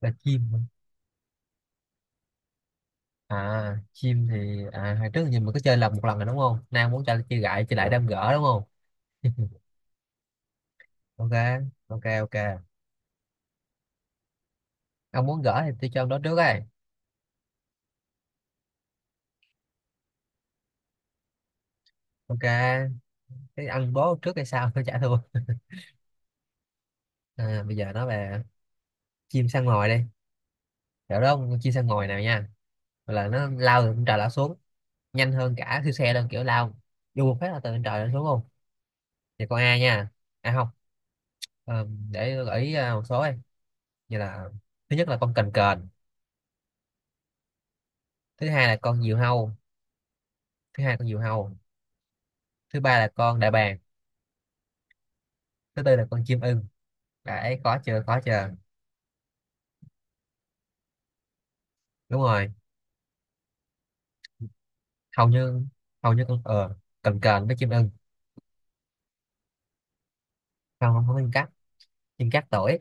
Là chim hả? Chim thì hồi trước giờ mình có chơi một lần rồi đúng không? Nay muốn chơi chơi gãi chơi lại đâm gỡ đúng không? Ok, ok, ok. Ông muốn gỡ thì tôi cho ông đó trước ấy. Ok, cái ăn bố trước hay sao tôi trả thua. Bây giờ nói về chim săn mồi đi, kiểu đó con chim săn mồi nào nha. Gọi là nó lao từ trên trời lao xuống nhanh hơn cả siêu xe luôn, kiểu lao vô một phát là từ trên trời lao xuống luôn. Thì con A nha, à không, để tôi gợi ý một số ấy, như là thứ nhất là con cành cờn, thứ hai là con diều hâu, thứ hai con diều hâu thứ ba là con đại bàng, thứ tư là con chim ưng. Đấy, có chưa? Đúng rồi. Hầu như hầu như con cần cờn với chim ưng. Không không không, chim cắt, chim cắt tuổi.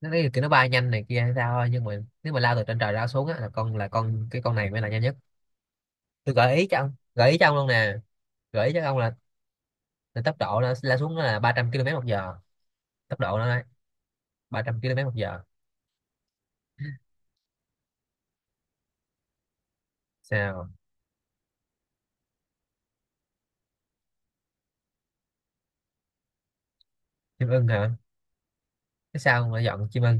Nó cái kiểu nó bay nhanh này kia hay sao thôi, nhưng mà nếu mà lao từ trên trời lao xuống á là con này mới là nhanh nhất. Tôi gợi ý cho ông Gợi ý cho ông luôn nè, gợi ý cho ông là tốc độ nó lao xuống nó là 300 km một giờ, tốc độ nó 300 km một giờ. Sao? Chim ưng hả? Cái sao mà dọn chim ưng.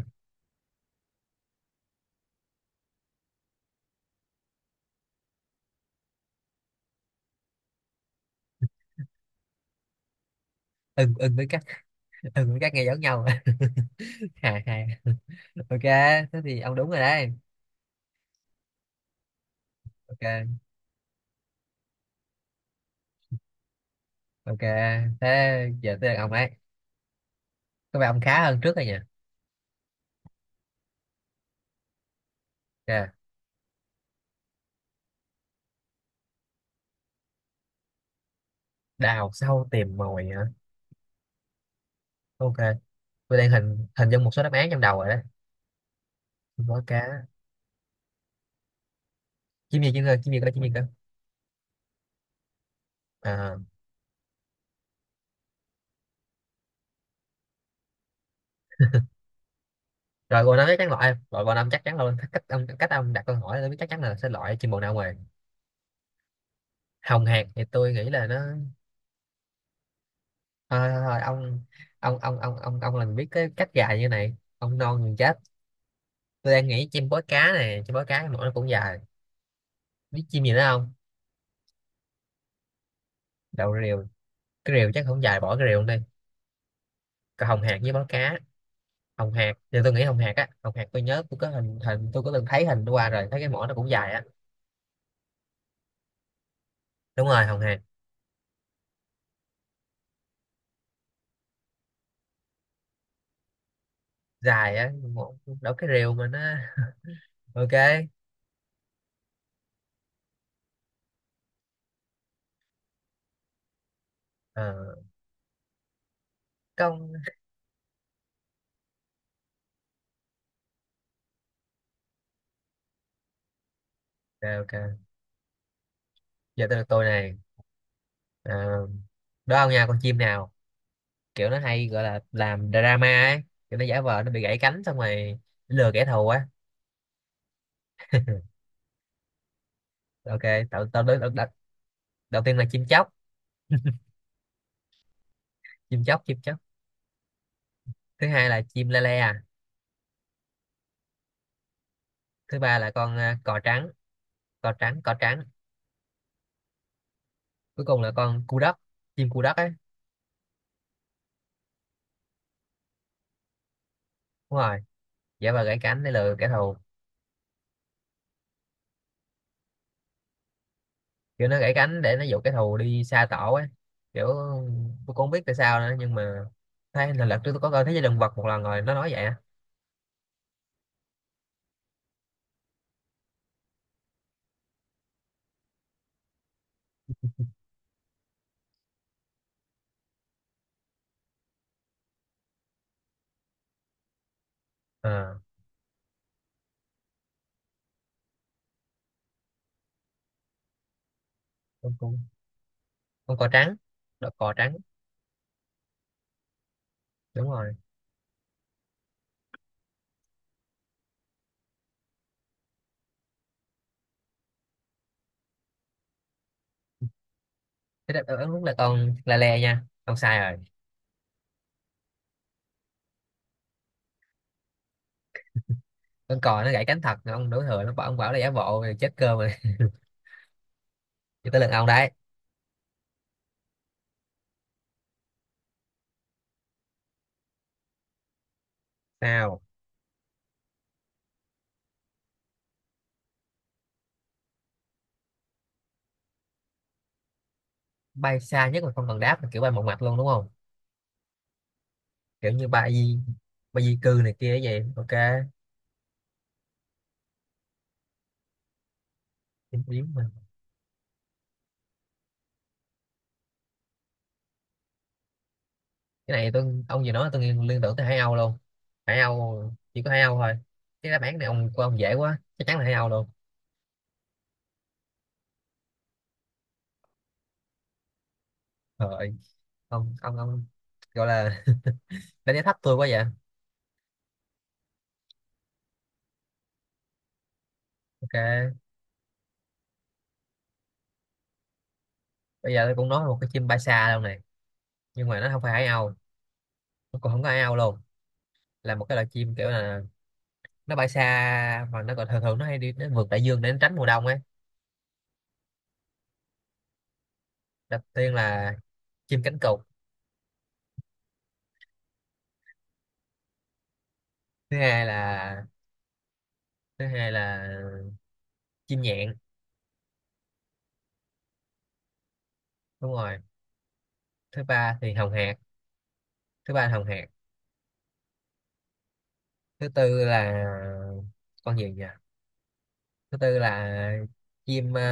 Ưng với cắt. Ưng với cắt nghe giống nhau. Hài hài. Ok, thế thì ông đúng rồi đấy. Ok, ok. Thế giờ tới lượt ông ấy. Có vẻ ông khá hơn trước rồi nhỉ. Ok, đào sâu tìm mồi hả? Ok, tôi đang hình hình dung một số đáp án trong đầu rồi đấy. Có cá. Chim gì cơ? À, rồi bồ năm chắc chắn, loại loại bồ năm chắc chắn luôn. Cách ông đặt câu hỏi tôi biết chắc chắn là sẽ loại chim bồ nào rồi. Hồng hạc thì tôi nghĩ là nó… Thôi thôi thôi ông, ông là người biết cái cách gài như này, ông non người chết. Tôi đang nghĩ chim bói cá này, chim bói cá cái mõm nó cũng dài. Biết chim gì nữa không? Đầu rìu, cái rìu chắc không dài, bỏ cái rìu đi. Còn hồng hạc với bói cá. Hồng hạc thì tôi nghĩ hồng hạc á, hồng hạc tôi nhớ tôi có hình hình tôi có từng thấy hình qua rồi, thấy cái mõm nó cũng dài á. Đúng rồi, hồng hạc. Dài á mõm, đâu cái rìu mà nó. Ok. ờ Công. Ok, ok, giờ tới lượt tôi này. Ờ, Đó ông nha, con chim nào kiểu nó hay gọi là làm drama ấy, kiểu nó giả vờ nó bị gãy cánh xong rồi lừa kẻ thù á. Ok, tao tao đối tao, đầu tiên là chim chóc, chim chóc. Thứ hai là chim la le à. Thứ ba là con cò trắng, cò trắng. Cuối cùng là con cu đất, chim cu đất ấy. Đúng rồi, giả vờ gãy cánh để lừa kẻ thù, kiểu nó gãy cánh để nó dụ kẻ thù đi xa tổ ấy. Kiểu tôi cũng không biết tại sao nữa, nhưng mà thấy là lần trước tôi có coi thế giới động vật một lần rồi, nó nói vậy á. Ờ, con cu, con cò trắng, đó, cò trắng. Đúng rồi. Thế đáp án đúng là con la le nha, ông sai rồi. Con cò nó gãy cánh thật, ông đổ thừa nó bảo ông bảo là giả bộ rồi chết cơm rồi. Cho tới lần ông đấy. Sao? Bay xa nhất mà không cần đáp là kiểu bay một mặt luôn đúng không? Kiểu như bay, bay di cư này kia vậy. Ok. Chính biến mà. Cái này tôi ông vừa nói tôi liên liên tưởng tới Hải Âu luôn. Hải Âu, chỉ có Hải Âu thôi. Cái đáp án này ông, của ông dễ quá, chắc chắn là Hải Âu luôn. Trời, ông gọi là đánh giá thấp tôi quá vậy. Ok, bây giờ tôi cũng nói một cái chim bay xa luôn này, nhưng mà nó không phải Hải Âu, nó còn không có Hải Âu luôn. Là một cái loại chim kiểu là nó bay xa, mà nó còn thường thường nó hay đi, nó vượt đại dương để nó tránh mùa đông ấy. Đầu tiên là chim cánh cụt. thứ hai là Thứ hai là chim nhạn. Đúng rồi. Thứ ba thì hồng hạc, thứ ba là hồng hạc thứ tư là con gì nhỉ, thứ tư là chim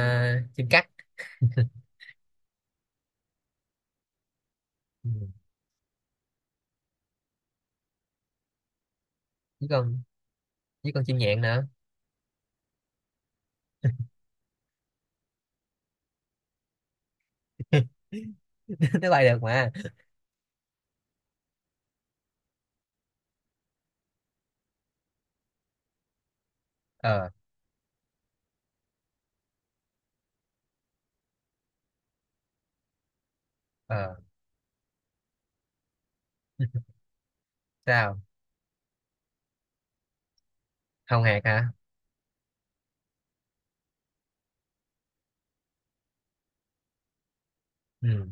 chim cắt. Ừ. Với con, với con chim nhạn nữa. Nó bay được mà. Ờ ờ Sao? Hồng hạc hả? Ừ.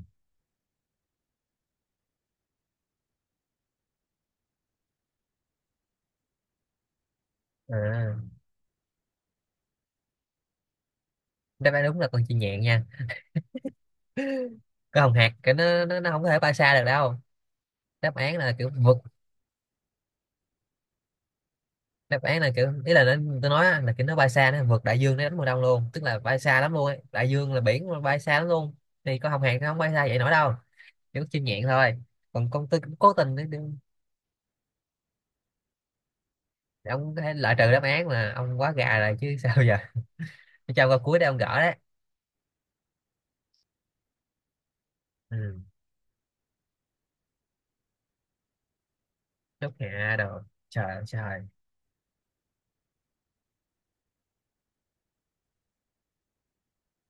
à, Đáp án đúng là con chim nhạn nha, cái hồng hạc cái nó không có thể bay xa được đâu. Đáp án là kiểu vượt… đáp án là kiểu ý là nó, tôi nói á, là kiểu nó bay xa, nó vượt đại dương, nó đánh mùa đông luôn, tức là bay xa lắm luôn ấy. Đại dương là biển mà, bay xa lắm luôn. Thì con hồng hạc nó không bay xa vậy nổi đâu, kiểu chim nhạn thôi. Còn con tôi cũng cố tình để ông có thể loại trừ đáp án, mà ông quá gà rồi chứ. Sao giờ? Tôi cho câu cuối để ông gỡ đấy. Ừ. Chốt hạ đồ, trời ơi trời.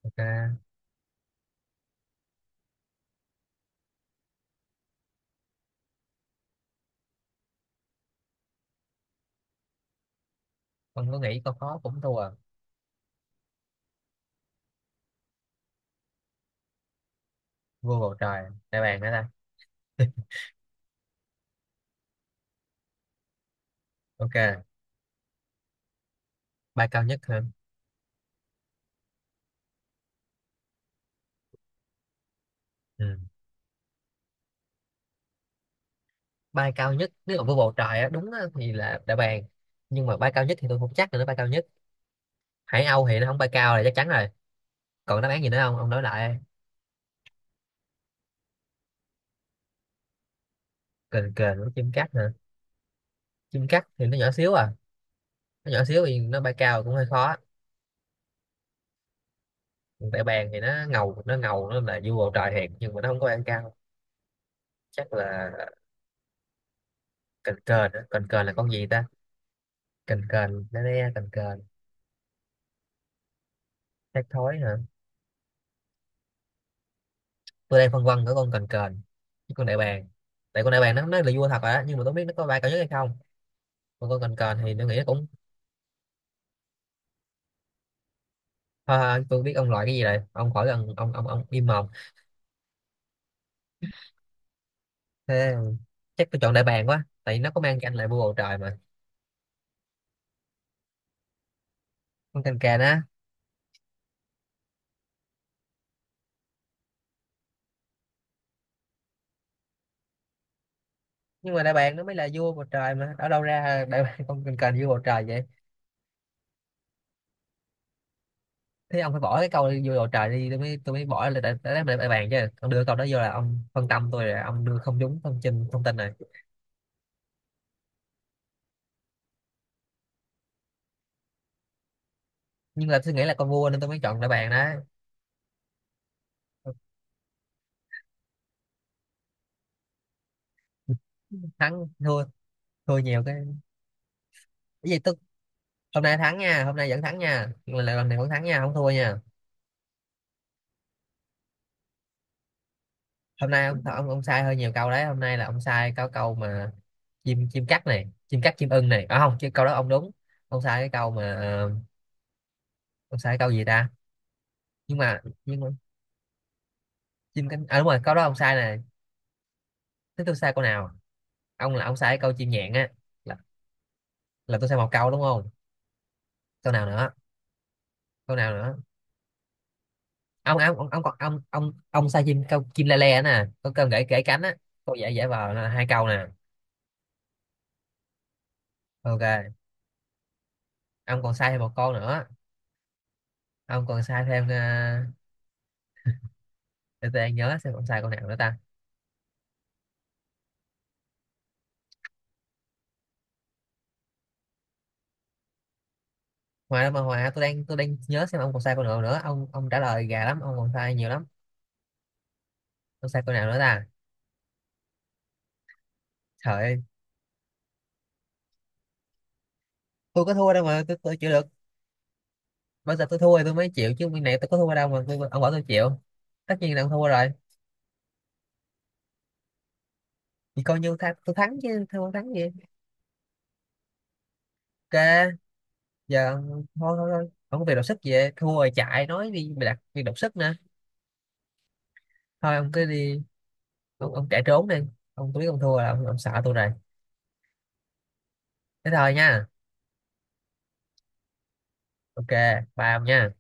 Ok. Con có nghĩ câu khó cũng thua. Vừa bầu trời, đại bàng hả ta? Ok, ba cao nhất hả? Ừ. Bay cao nhất nếu mà vô bầu trời á, đúng á, thì là đã bàn. Nhưng mà bay cao nhất thì tôi không chắc là nó bay cao nhất. Hải âu thì nó không bay cao là chắc chắn rồi. Còn đáp án gì nữa không ông nói lại? Kền kền với chim cắt hả? Chim cắt thì nó nhỏ xíu à, nó nhỏ xíu thì nó bay cao cũng hơi khó. Còn đại bàng thì nó ngầu, nó là vua bầu trời thiệt, nhưng mà nó không có bay cao. Chắc là kền kền á. Kền kền là con gì ta? Kền kền nó đe kền kền. Thác thối hả? Tôi đang phân vân ở con kền kền với con đại bàng. Tại con đại bàng nó là vua thật rồi á, nhưng mà tôi không biết nó có bay cao nhất hay không. Không có cần, cần thì tôi nghĩ cũng… Thôi thôi, tôi biết ông loại cái gì rồi, ông khỏi cần, ông im mồm. Thế chắc tôi chọn đại bàng quá, tại vì nó có mang canh là vua bầu trời mà. Con cành cành á? Nhưng mà đại bàng nó mới là vua bầu trời mà, ở đâu ra đại bàng, con cành cành vua bầu trời vậy? Thế ông phải bỏ cái câu vua bầu trời đi, tôi mới bỏ là đại bàng chứ, ông đưa câu đó vô là ông phân tâm tôi rồi, ông đưa không đúng thông tin, này. Nhưng mà tôi nghĩ là con vua nên tôi mới chọn đại bàng đó. Thắng thua. Thua nhiều cái. Cái gì tức. Hôm nay thắng nha, hôm nay vẫn thắng nha, lần này vẫn thắng nha, không thua nha. Hôm nay ông sai hơi nhiều câu đấy, hôm nay là ông sai có câu mà. Chim chim cắt này, chim cắt chim ưng này, à không, chứ câu đó ông đúng. Ông sai cái câu mà ông sai cái câu gì ta. Nhưng mà, chim cánh, à đúng rồi câu đó ông sai này. Thế tôi sai câu nào? Ông là ông sai cái câu chim nhạn á. là, là tôi sai một câu đúng không? Câu nào nữa? Câu nào nữa? Ông ông ông ông còn ông ông ông sai chim câu, chim le le nè, có cơm gãy gãy cánh á. Câu dễ dễ vào là hai câu nè. Ok, ông còn sai thêm một câu nữa. Ông còn sai thêm để tôi đang nhớ xem ông sai câu nào nữa ta. Hòa đâu mà hòa, tôi đang, nhớ xem ông còn sai câu nào nữa, ông trả lời gà lắm, ông còn sai nhiều lắm. Ông sai câu nào nữa ta? Trời ơi. Tôi có thua đâu mà tôi chịu được. Bây giờ tôi thua thì tôi mới chịu chứ, bên này tôi có thua đâu mà tôi, ông bảo tôi chịu. Tất nhiên là ông thua rồi. Thì coi như thắng, tôi thắng chứ thua không thắng gì. Ok, giờ ông- thôi thôi thôi, ông có việc đột xuất về thua rồi chạy nói đi mày, đặt việc đột sức nữa. Thôi ông cứ đi, ông chạy trốn đi ông. Tôi biết ông thua là ông sợ tôi rồi. Thế thôi nha. Ok, bye ông nha.